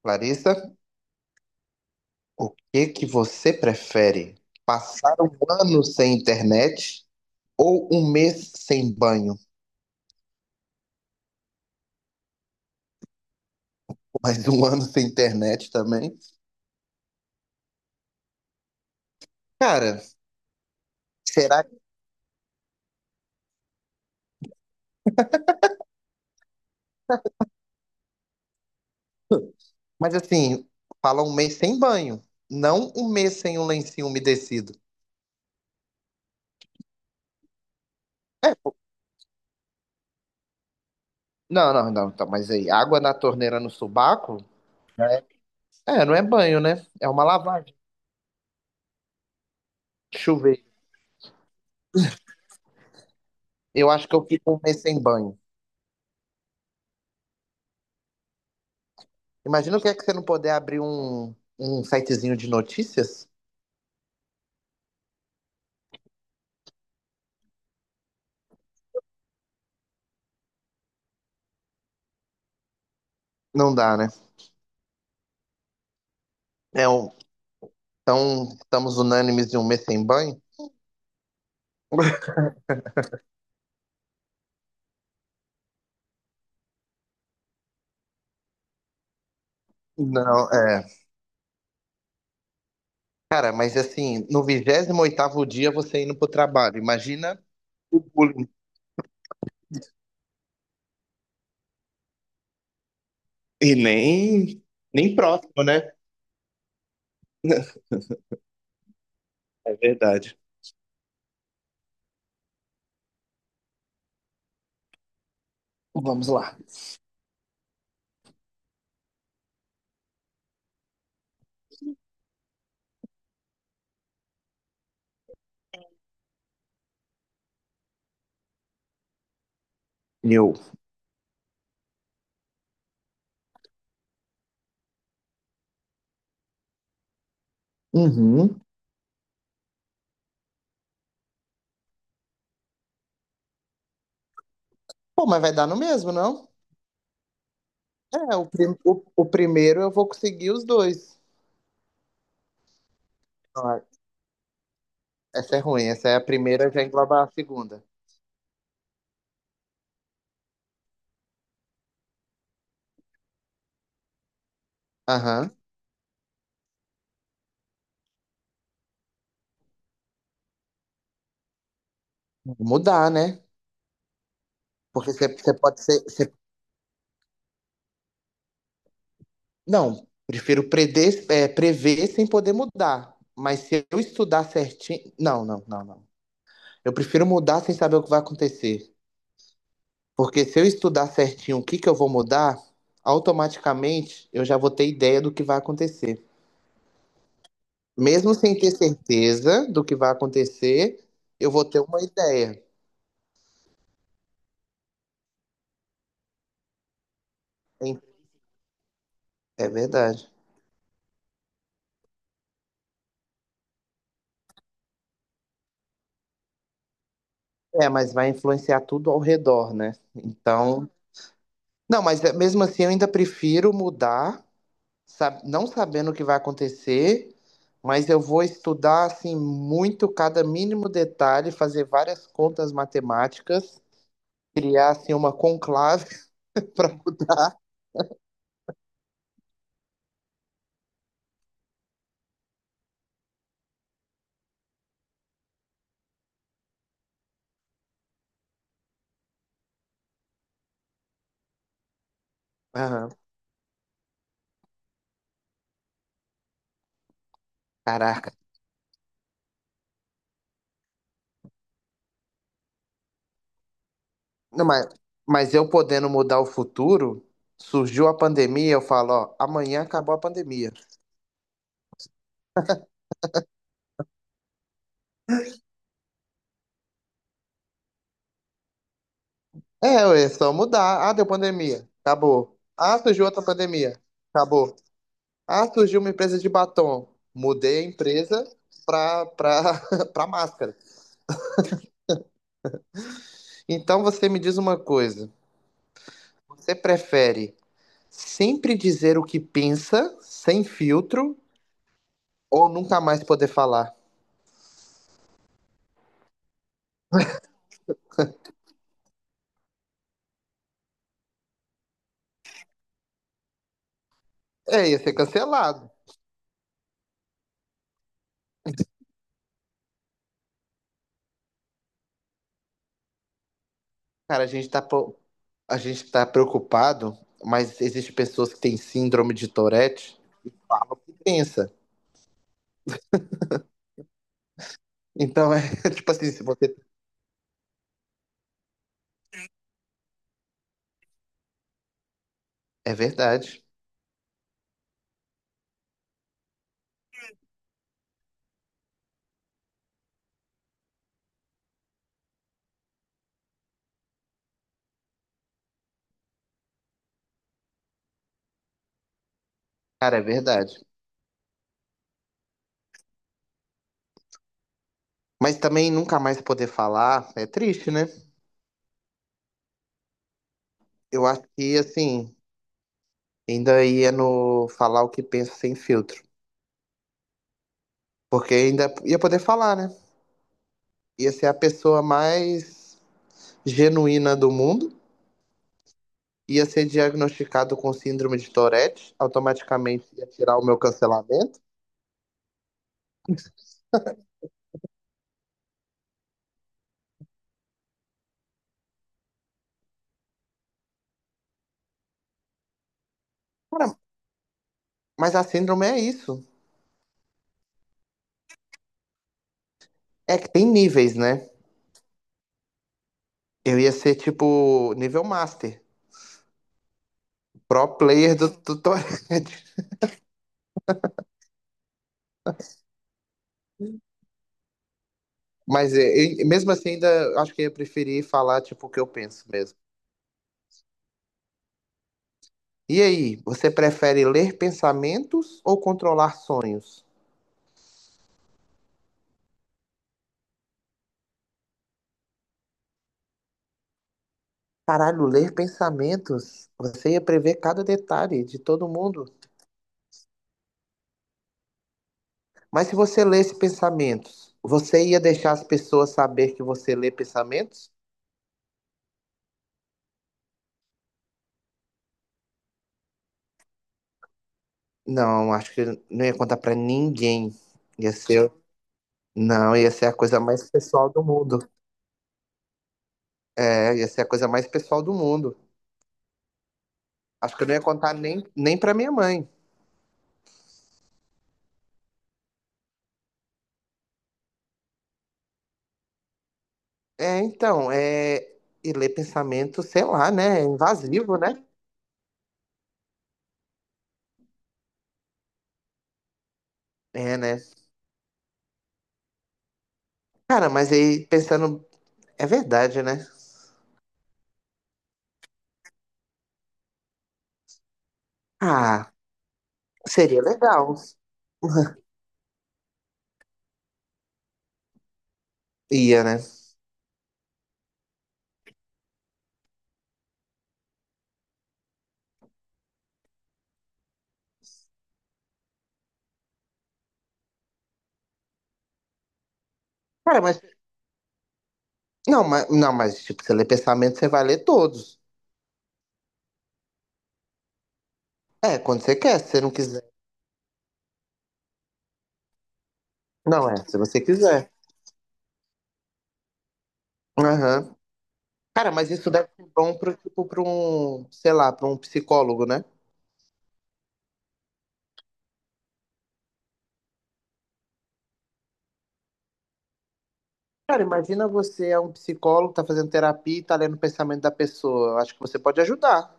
Clarissa, o que que você prefere? Passar um ano sem internet ou um mês sem banho? Mas um ano sem internet também? Cara, será? Mas assim, fala um mês sem banho, não um mês sem um lencinho umedecido. Não, não, não, então, mas aí, água na torneira no subaco? É, é, não é banho, né? É uma lavagem. Chuveiro. Eu acho que eu fico um mês sem banho. Imagina o que é que você não poder abrir um sitezinho de notícias? Não dá, né? É um, então, estamos unânimes de um mês sem banho? Não, é. Cara, mas assim, no 28º dia você indo pro trabalho, imagina o bullying. E nem próximo, né? É verdade. Vamos lá. Eu. Uhum. Pô, mas vai dar no mesmo, não? É, o primeiro eu vou conseguir os dois. Ah, essa é ruim, essa é a primeira, já engloba a segunda. Aham. Mudar, né? Porque você pode ser, você Não, prefiro prever sem poder mudar. Mas se eu estudar certinho. Não, não, não, não. Eu prefiro mudar sem saber o que vai acontecer. Porque se eu estudar certinho o que que eu vou mudar, automaticamente eu já vou ter ideia do que vai acontecer. Mesmo sem ter certeza do que vai acontecer, eu vou ter uma ideia. Em- É verdade. É, mas vai influenciar tudo ao redor, né? Então. Não, mesmo assim eu ainda prefiro mudar não sabendo o que vai acontecer, mas eu vou estudar assim muito cada mínimo detalhe, fazer várias contas matemáticas, criar assim uma conclave para. Caraca. Não, mas eu podendo mudar o futuro, surgiu a pandemia, eu falo, ó, amanhã acabou a pandemia. É, ué, é só mudar. Ah, deu pandemia. Acabou. Ah, surgiu outra pandemia. Acabou. Ah, surgiu uma empresa de batom. Mudei a empresa pra, pra, pra máscara. Então você me diz uma coisa: você prefere sempre dizer o que pensa, sem filtro, ou nunca mais poder falar? É, ia ser cancelado. Cara, a gente tá preocupado, mas existem pessoas que têm síndrome de Tourette. Pensa. Então é tipo assim, se você. É verdade. Cara, é verdade. Mas também nunca mais poder falar é triste, né? Eu acho que assim, ainda ia no falar o que pensa sem filtro. Porque ainda ia poder falar, né? Ia ser a pessoa mais genuína do mundo, ia ser diagnosticado com síndrome de Tourette, automaticamente ia tirar o meu cancelamento. Cara, mas a síndrome é isso. É que tem níveis, né? Eu ia ser tipo nível master, pro player do Tourette. Mesmo assim, ainda acho que eu ia preferir falar tipo o que eu penso mesmo. E aí, você prefere ler pensamentos ou controlar sonhos? Caralho, ler pensamentos, você ia prever cada detalhe de todo mundo. Mas se você lesse pensamentos, você ia deixar as pessoas saber que você lê pensamentos? Não, acho que não ia contar pra ninguém. Ia ser, não, ia ser a coisa mais pessoal do mundo. É, ia ser a coisa mais pessoal do mundo. Acho que eu não ia contar nem pra minha mãe. É, então, e ler pensamentos, sei lá, né? É invasivo, né? É, né? Cara, mas aí pensando, é verdade, né? Ah, seria legal. Ia, né? Cara, mas. Não, mas, não, mas tipo, você lê pensamento, você vai ler todos. É, quando você quer, se você não quiser. Não, é, se você quiser. Aham. Cara, mas isso deve ser bom pro, tipo, pra um, sei lá, pra um psicólogo, né? Cara, imagina você é um psicólogo, tá fazendo terapia e tá lendo o pensamento da pessoa. Eu acho que você pode ajudar.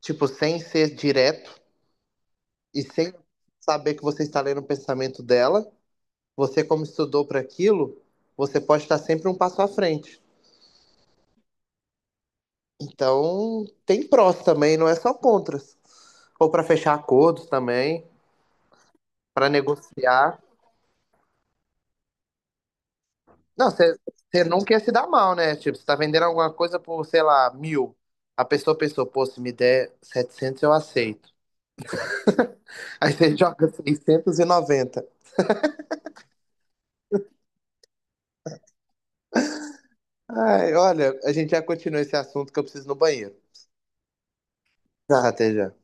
Tipo, sem ser direto e sem saber que você está lendo o pensamento dela, você, como estudou para aquilo, você pode estar sempre um passo à frente. Então, tem prós também, não é só contras. Ou para fechar acordos também, para negociar. Não, você não quer se dar mal, né? Tipo, você tá vendendo alguma coisa por, sei lá, 1.000. A pessoa pensou, pô, se me der 700 eu aceito. Aí você joga 690 Ai, olha, a gente já continua esse assunto que eu preciso ir no banheiro. Tá, até já.